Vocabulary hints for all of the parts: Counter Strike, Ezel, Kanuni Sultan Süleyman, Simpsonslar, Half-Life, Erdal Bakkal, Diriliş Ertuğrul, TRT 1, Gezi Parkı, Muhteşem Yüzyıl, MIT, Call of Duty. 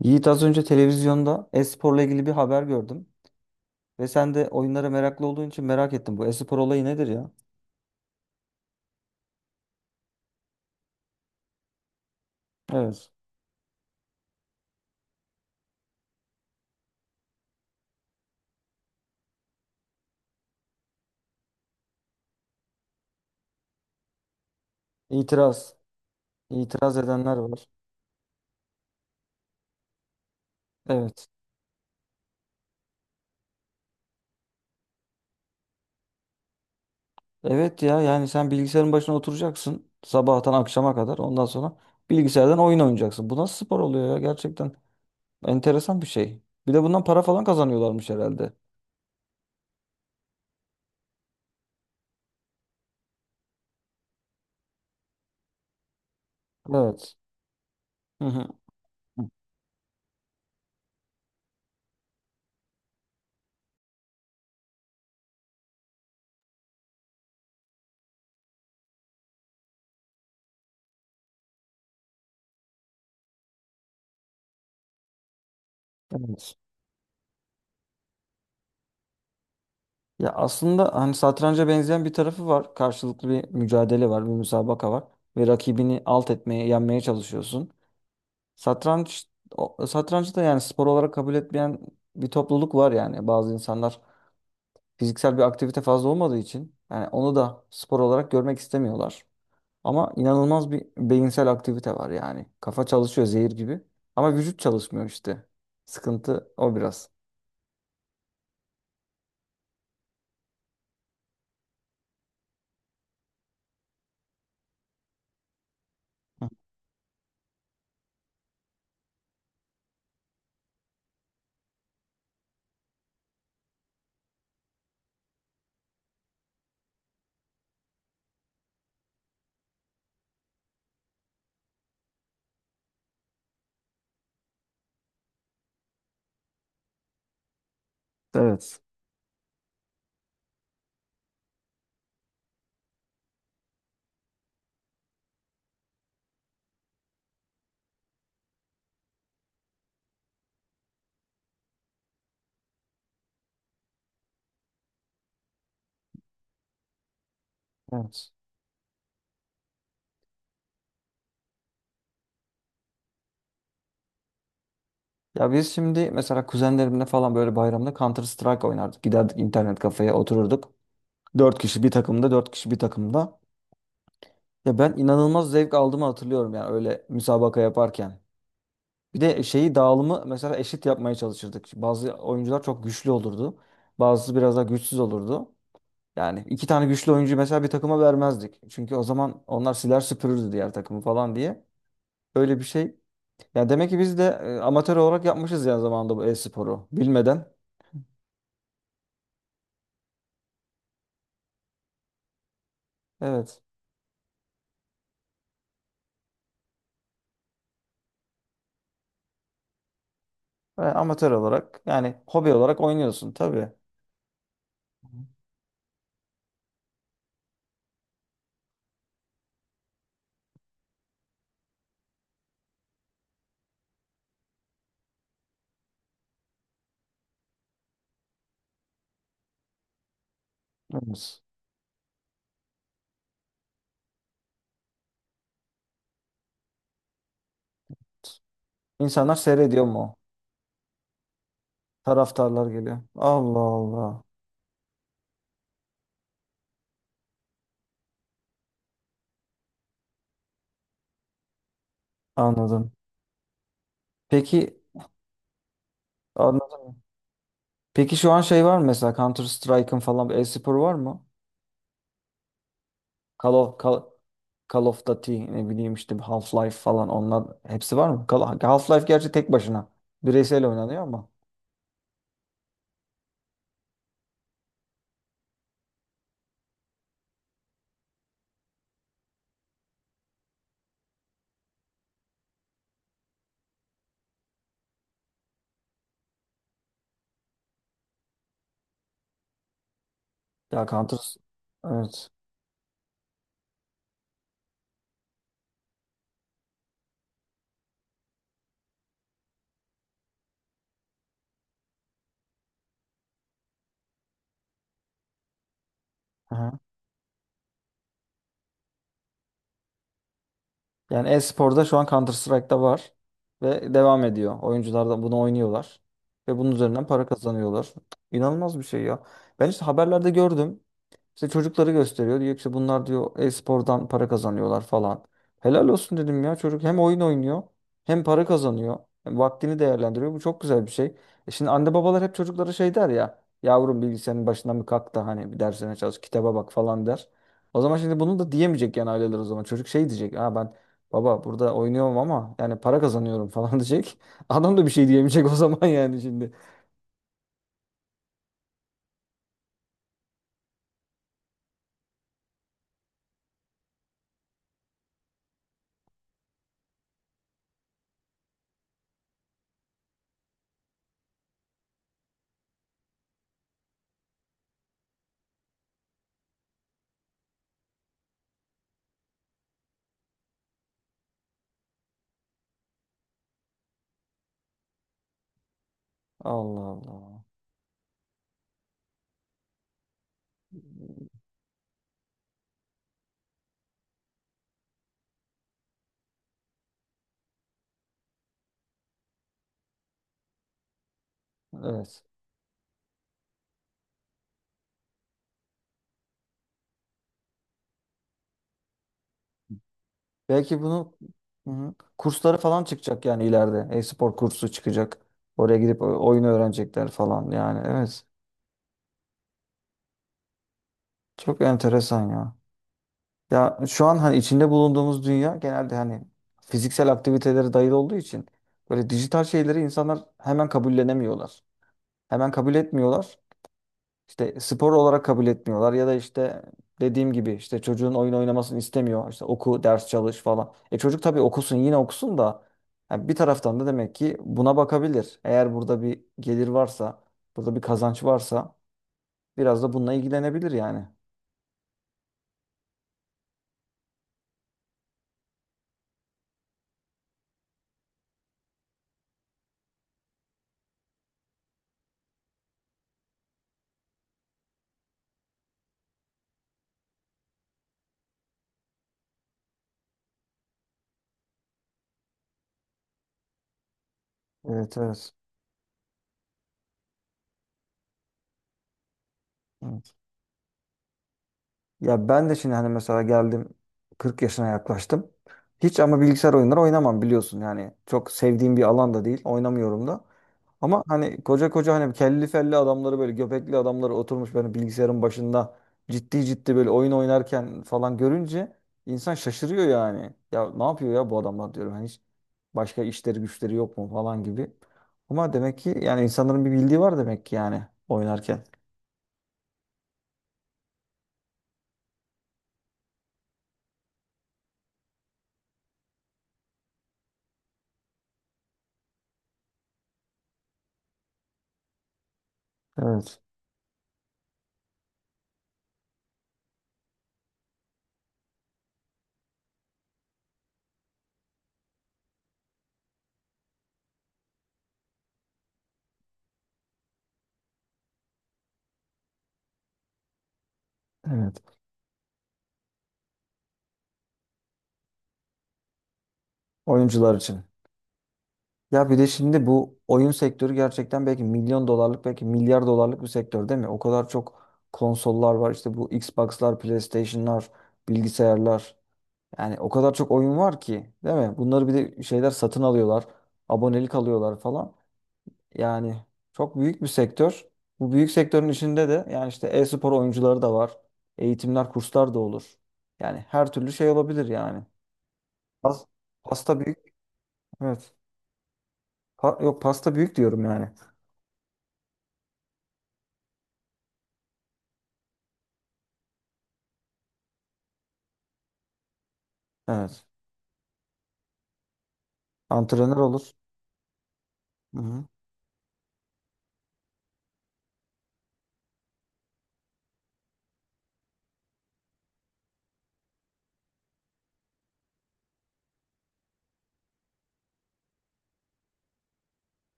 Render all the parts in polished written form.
Yiğit az önce televizyonda e-sporla ilgili bir haber gördüm. Ve sen de oyunlara meraklı olduğun için merak ettim. Bu e-spor olayı nedir ya? Evet. İtiraz. İtiraz edenler var. Evet. Evet ya yani sen bilgisayarın başına oturacaksın. Sabahtan akşama kadar. Ondan sonra bilgisayardan oyun oynayacaksın. Bu nasıl spor oluyor ya? Gerçekten enteresan bir şey. Bir de bundan para falan kazanıyorlarmış herhalde. Evet. Hı hı. Evet. Ya aslında hani satranca benzeyen bir tarafı var. Karşılıklı bir mücadele var, bir müsabaka var ve rakibini alt etmeye, yenmeye çalışıyorsun. Satranç satrancı da yani spor olarak kabul etmeyen bir topluluk var yani. Bazı insanlar fiziksel bir aktivite fazla olmadığı için yani onu da spor olarak görmek istemiyorlar. Ama inanılmaz bir beyinsel aktivite var yani. Kafa çalışıyor zehir gibi ama vücut çalışmıyor işte. Sıkıntı o biraz. Evet. Evet. Ya biz şimdi mesela kuzenlerimle falan böyle bayramda Counter Strike oynardık. Giderdik internet kafeye otururduk. Dört kişi bir takımda, dört kişi bir takımda. Ya ben inanılmaz zevk aldığımı hatırlıyorum yani öyle müsabaka yaparken. Bir de şeyi dağılımı mesela eşit yapmaya çalışırdık. Bazı oyuncular çok güçlü olurdu. Bazısı biraz daha güçsüz olurdu. Yani iki tane güçlü oyuncuyu mesela bir takıma vermezdik. Çünkü o zaman onlar siler süpürürdü diğer takımı falan diye. Öyle bir şey. Yani demek ki biz de amatör olarak yapmışız yani zamanında bu e-sporu bilmeden. Evet. Ve amatör olarak yani hobi olarak oynuyorsun tabii. Evet. İnsanlar seyrediyor mu? Taraftarlar geliyor. Allah Allah. Anladım. Peki anladım. Peki şu an şey var mı mesela Counter Strike'ın falan bir e-spor var mı? Call of, Call, Call of Duty ne bileyim işte Half-Life falan onlar hepsi var mı? Half-Life gerçi tek başına bireysel oynanıyor ama ya Counter evet. Hı. Yani e-sporda şu an Counter Strike'da var ve devam ediyor. Oyuncular da bunu oynuyorlar ve bunun üzerinden para kazanıyorlar. İnanılmaz bir şey ya. Ben işte haberlerde gördüm. İşte çocukları gösteriyor. Diyor ki işte bunlar diyor e-spordan para kazanıyorlar falan. Helal olsun dedim ya çocuk hem oyun oynuyor hem para kazanıyor. Hem vaktini değerlendiriyor. Bu çok güzel bir şey. E şimdi anne babalar hep çocuklara şey der ya. Yavrum bilgisayarın başından bir kalk da hani bir dersine çalış kitaba bak falan der. O zaman şimdi bunu da diyemeyecek yani aileler o zaman. Çocuk şey diyecek. Ha ben baba burada oynuyorum ama yani para kazanıyorum falan diyecek. Adam da bir şey diyemeyecek o zaman yani şimdi. Allah Allah. Evet. Belki bunu Hı hı. kursları falan çıkacak yani ileride. E-spor kursu çıkacak. Oraya gidip oyun öğrenecekler falan yani. Evet. Çok enteresan ya. Ya şu an hani içinde bulunduğumuz dünya genelde hani fiziksel aktivitelere dayalı olduğu için böyle dijital şeyleri insanlar hemen kabullenemiyorlar. Hemen kabul etmiyorlar. İşte spor olarak kabul etmiyorlar ya da işte dediğim gibi işte çocuğun oyun oynamasını istemiyor. İşte oku, ders çalış falan. E çocuk tabii okusun yine okusun da yani bir taraftan da demek ki buna bakabilir. Eğer burada bir gelir varsa, burada bir kazanç varsa biraz da bununla ilgilenebilir yani. Evet, evet. Evet. Ya ben de şimdi hani mesela geldim 40 yaşına yaklaştım. Hiç ama bilgisayar oyunları oynamam biliyorsun yani. Çok sevdiğim bir alan da değil. Oynamıyorum da. Ama hani koca koca hani kelli felli adamları böyle göbekli adamları oturmuş böyle bilgisayarın başında ciddi ciddi böyle oyun oynarken falan görünce insan şaşırıyor yani. Ya ne yapıyor ya bu adamlar diyorum. Hani hiç başka işleri güçleri yok mu falan gibi. Ama demek ki yani insanların bir bildiği var demek ki yani oynarken. Evet. Evet. Oyuncular için. Ya bir de şimdi bu oyun sektörü gerçekten belki milyon dolarlık belki milyar dolarlık bir sektör değil mi? O kadar çok konsollar var işte bu Xbox'lar, PlayStation'lar, bilgisayarlar. Yani o kadar çok oyun var ki değil mi? Bunları bir de şeyler satın alıyorlar. Abonelik alıyorlar falan. Yani çok büyük bir sektör. Bu büyük sektörün içinde de yani işte e-spor oyuncuları da var. Eğitimler, kurslar da olur. Yani her türlü şey olabilir yani. Pas- Pasta büyük. Evet. Yok pasta büyük diyorum yani. Evet. Antrenör olur. Hı-hı.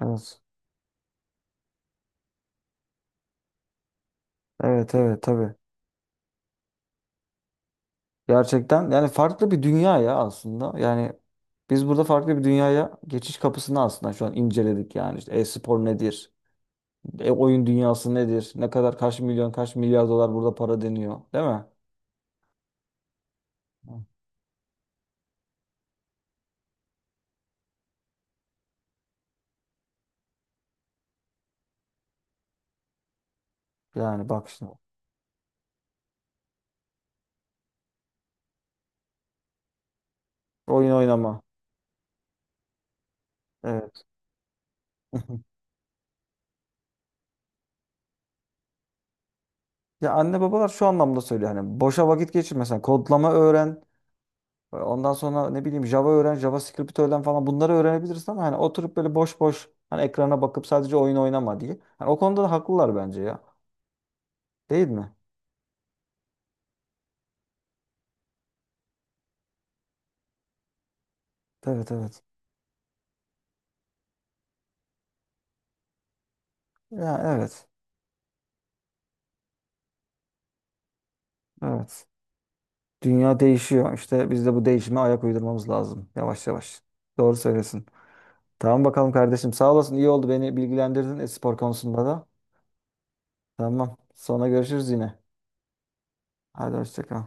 Evet. Evet evet tabii. Gerçekten yani farklı bir dünya ya aslında. Yani biz burada farklı bir dünyaya geçiş kapısını aslında şu an inceledik yani. İşte e-spor nedir? E oyun dünyası nedir? Ne kadar kaç milyon kaç milyar dolar burada para deniyor, değil mi? Hı. Yani bak şimdi. Oyun oynama. Evet. Ya anne babalar şu anlamda söylüyor hani boşa vakit geçirme sen kodlama öğren. Ondan sonra ne bileyim Java öğren, JavaScript öğren falan bunları öğrenebilirsin ama hani oturup böyle boş boş hani ekrana bakıp sadece oyun oynama diye. Hani o konuda da haklılar bence ya. Değil mi? Evet evet. Ya evet. Evet. Dünya değişiyor. İşte biz de bu değişime ayak uydurmamız lazım. Yavaş yavaş. Doğru söylüyorsun. Tamam bakalım kardeşim. Sağ olasın. İyi oldu beni bilgilendirdin e-spor konusunda da. Tamam. Sonra görüşürüz yine. Hadi hoşça kal.